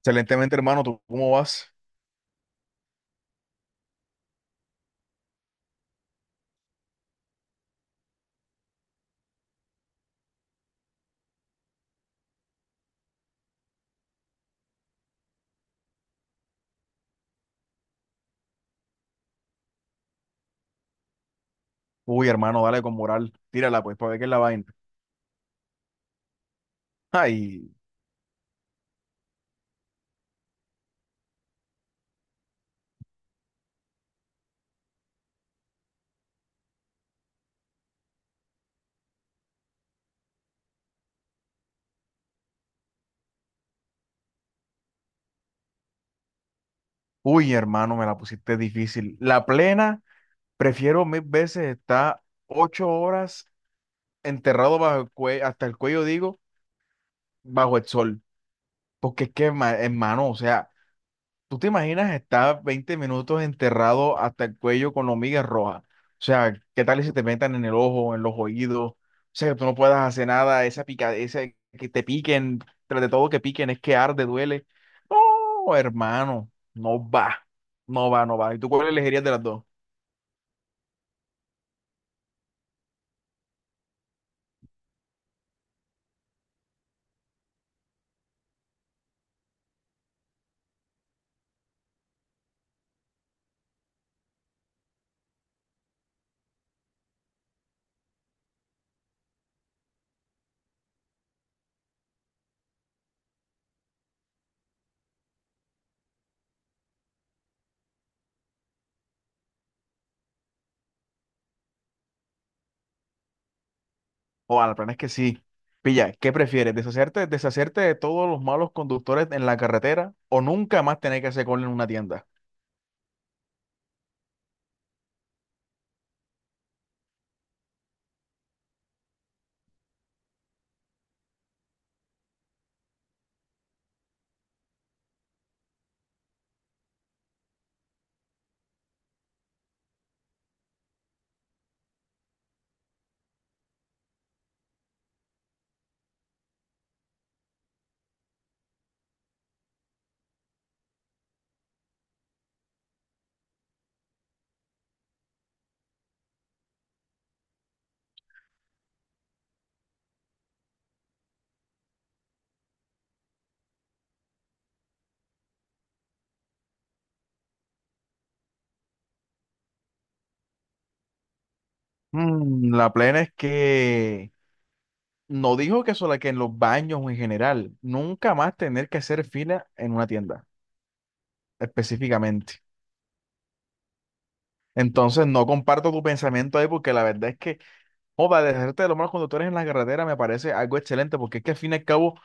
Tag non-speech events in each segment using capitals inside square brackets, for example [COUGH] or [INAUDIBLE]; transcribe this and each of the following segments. Excelentemente, hermano, ¿tú cómo vas? Uy, hermano, dale con moral. Tírala, pues, para ver qué es la vaina. Ay, uy, hermano, me la pusiste difícil. La plena, prefiero mil veces estar 8 horas enterrado bajo el cuello, hasta el cuello, digo, bajo el sol. Porque es que, hermano, o sea, ¿tú te imaginas estar 20 minutos enterrado hasta el cuello con hormigas rojas? O sea, ¿qué tal si te metan en el ojo, en los oídos? O sea, que tú no puedas hacer nada, esa pica, esa que te piquen, tras de todo que piquen, es que arde, duele. No, hermano, no va, no va, no va. ¿Y tú cuál elegirías de las dos? O al plan es que sí. Pilla, ¿qué prefieres? ¿Deshacerte de todos los malos conductores en la carretera o nunca más tener que hacer cola en una tienda? La plena es que no dijo que solo que en los baños o en general, nunca más tener que hacer fila en una tienda, específicamente. Entonces no comparto tu pensamiento ahí porque la verdad es que, joda, dejarte de los malos conductores en la carretera me parece algo excelente porque es que al fin y al cabo,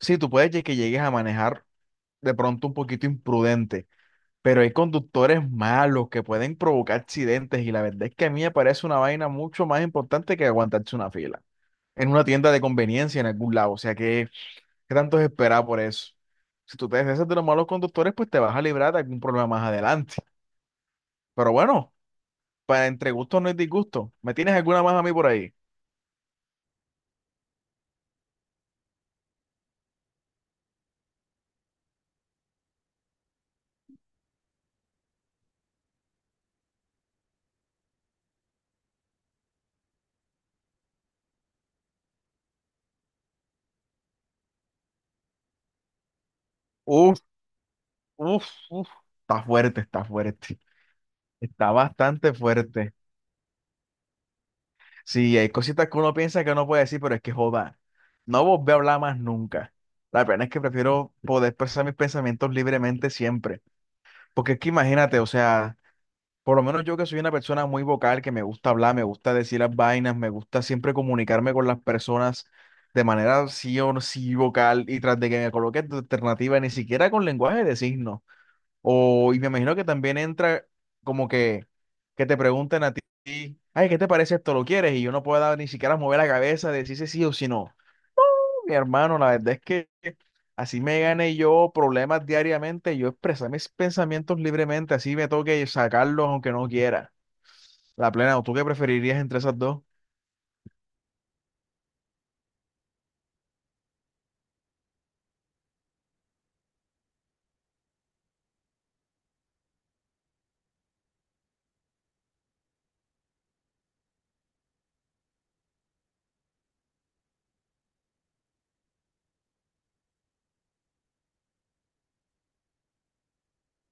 sí, tú puedes que llegues a manejar de pronto un poquito imprudente, pero hay conductores malos que pueden provocar accidentes y la verdad es que a mí me parece una vaina mucho más importante que aguantarse una fila en una tienda de conveniencia en algún lado. O sea que... ¿Qué tanto es esperar por eso? Si tú te deshaces de los malos conductores, pues te vas a librar de algún problema más adelante. Pero bueno, para entre gustos no hay disgusto. ¿Me tienes alguna más a mí por ahí? Uf, uf, uf. Está fuerte, está fuerte. Está bastante fuerte. Sí, hay cositas que uno piensa que no puede decir, pero es que joda. No volví a hablar más nunca. La pena es que prefiero poder expresar mis pensamientos libremente siempre. Porque es que imagínate, o sea. Por lo menos yo que soy una persona muy vocal, que me gusta hablar, me gusta decir las vainas, me gusta siempre comunicarme con las personas de manera sí o sí vocal y tras de que me coloque tu alternativa, ni siquiera con lenguaje de signos. O, y me imagino que también entra como que te pregunten a ti, ay, ¿qué te parece esto? ¿Lo quieres? Y yo no puedo ni siquiera mover la cabeza, decir si sí o si no. Mi hermano, la verdad es que así me gane yo problemas diariamente, yo expresar mis pensamientos libremente, así me toque sacarlos aunque no quiera. La plena, ¿o ¿tú qué preferirías entre esas dos?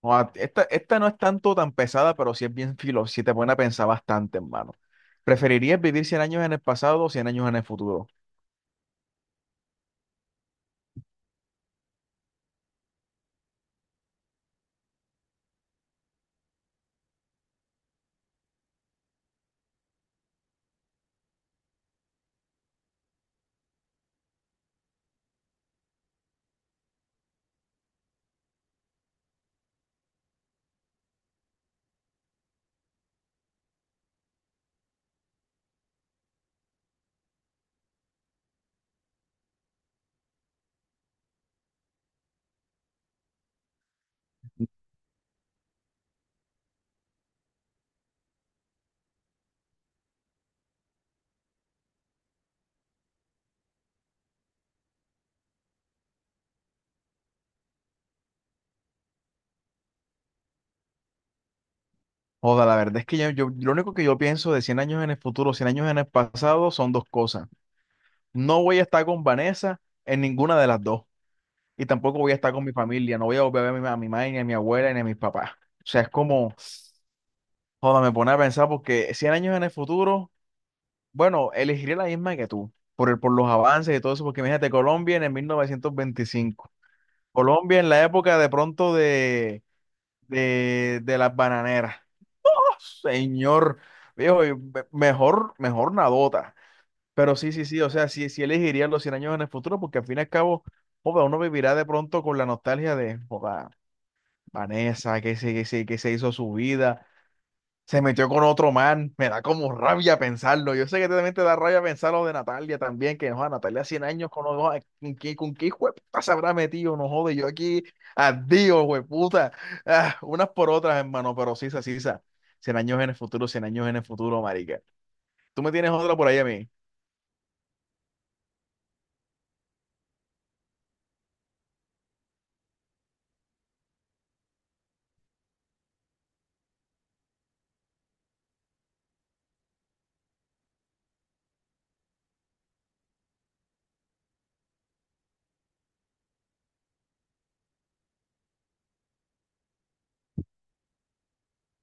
Esta no es tanto tan pesada, pero sí es bien [LAUGHS] filo, sí te pone a pensar bastante, hermano. ¿Preferirías vivir 100 años en el pasado o 100 años en el futuro? Joda, la verdad es que yo lo único que yo pienso de 100 años en el futuro, 100 años en el pasado son dos cosas. No voy a estar con Vanessa en ninguna de las dos. Y tampoco voy a estar con mi familia, no voy a volver a ver a mi madre, ni a mi abuela, ni a mis papás. O sea, es como, joda, me pone a pensar porque 100 años en el futuro. Bueno, elegiría la misma que tú, por los avances y todo eso, porque imagínate, Colombia en el 1925 Colombia en la época de pronto de las bananeras. [LAUGHS] ¡Oh, señor, viejo, y mejor, mejor nadota. Pero sí, sí, sí, o sea, sí, sí elegiría los 100 años en el futuro, porque al fin y al cabo, joda, uno vivirá de pronto con la nostalgia de, joda, Vanessa, que se hizo su vida, se metió con otro man. Me da como rabia pensarlo. Yo sé que también te da rabia pensar lo de Natalia también, que no, Natalia 100 años con los dos. ¿Con qué hijo de puta se habrá metido? No jode, yo aquí, adiós, hueputa. Ah, unas por otras, hermano, pero sí, sí, sí. 100 años en el futuro, 100 años en el futuro, marica. ¿Tú me tienes otra por ahí a mí?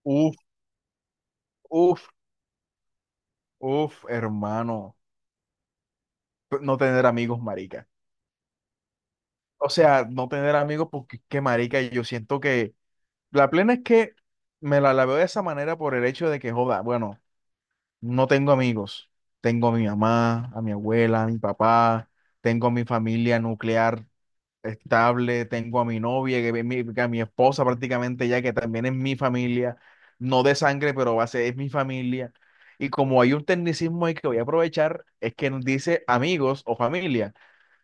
Uf, uf, uf, hermano. No tener amigos, marica. O sea, no tener amigos porque es que, marica, yo siento que la plena es que me la veo de esa manera por el hecho de que, joda, bueno, no tengo amigos. Tengo a mi mamá, a mi abuela, a mi papá, tengo a mi familia nuclear estable, tengo a mi novia, que a mi esposa prácticamente ya, que también es mi familia, no de sangre, pero va a ser, es mi familia. Y como hay un tecnicismo ahí que voy a aprovechar, es que nos dice amigos o familia,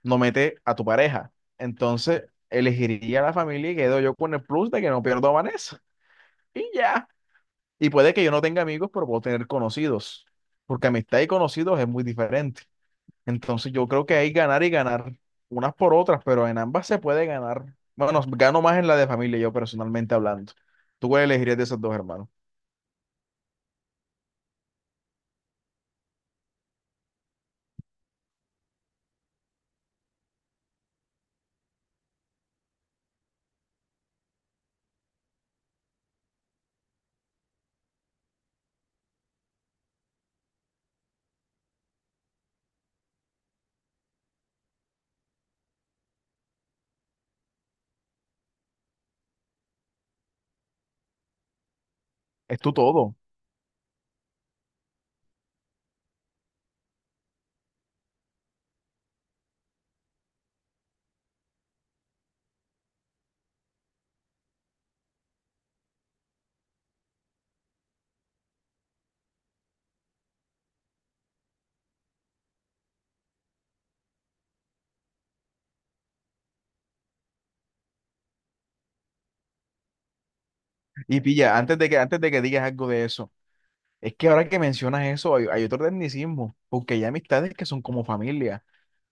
no mete a tu pareja. Entonces, elegiría la familia y quedo yo con el plus de que no pierdo a Vanessa y ya. Y puede que yo no tenga amigos, pero puedo tener conocidos, porque amistad y conocidos es muy diferente. Entonces yo creo que hay ganar y ganar, unas por otras, pero en ambas se puede ganar. Bueno, gano más en la de familia, yo personalmente hablando. ¿Tú cuál elegirías de esos dos, hermano? Es tu todo. Y pilla, antes de que, digas algo de eso, es que ahora que mencionas eso, hay otro tecnicismo, porque hay amistades que son como familia.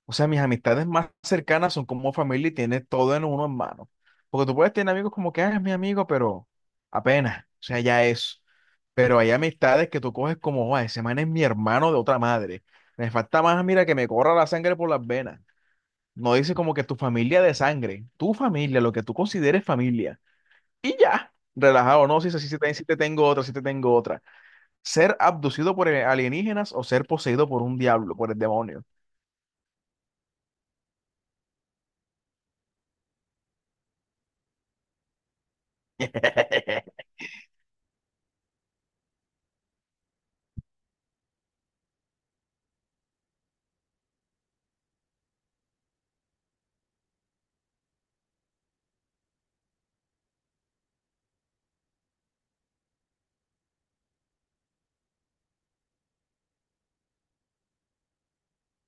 O sea, mis amistades más cercanas son como familia y tiene todo en uno en mano. Porque tú puedes tener amigos como que, ah, es mi amigo, pero apenas, o sea, ya eso. Pero hay amistades que tú coges como, "Guau, ese man es mi hermano de otra madre. Me falta más, mira, que me corra la sangre por las venas. No dice como que tu familia de sangre, tu familia, lo que tú consideres familia. Y ya, relajado, no, si, si, si, si te tengo otra, si te tengo otra. Ser abducido por alienígenas o ser poseído por un diablo, por el demonio. [LAUGHS]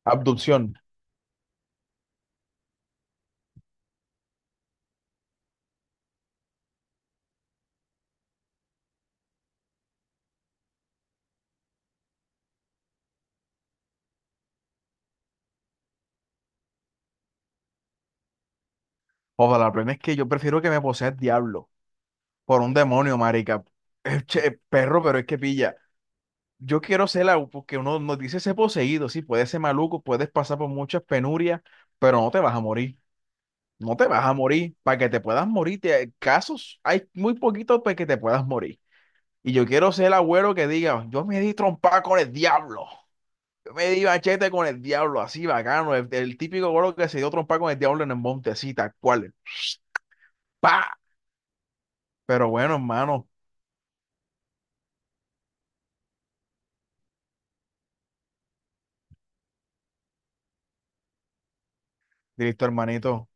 Abducción. Ojalá, la plena es que yo prefiero que me posea el diablo por un demonio, marica. Che, perro, pero es que pilla. Yo quiero ser la, porque uno nos dice ser poseído, sí, puedes ser maluco, puedes pasar por muchas penurias, pero no te vas a morir. No te vas a morir. Para que te puedas morir, casos hay muy poquitos para que te puedas morir. Y yo quiero ser el agüero que diga, yo me di trompada con el diablo. Yo me di machete con el diablo, así bacano. El típico agüero que se dio trompada con el diablo en el monte, así, tal cual. ¡Pa! Pero bueno, hermano. Listo, hermanito.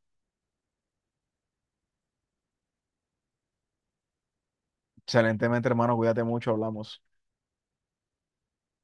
Excelentemente, hermano. Cuídate mucho. Hablamos.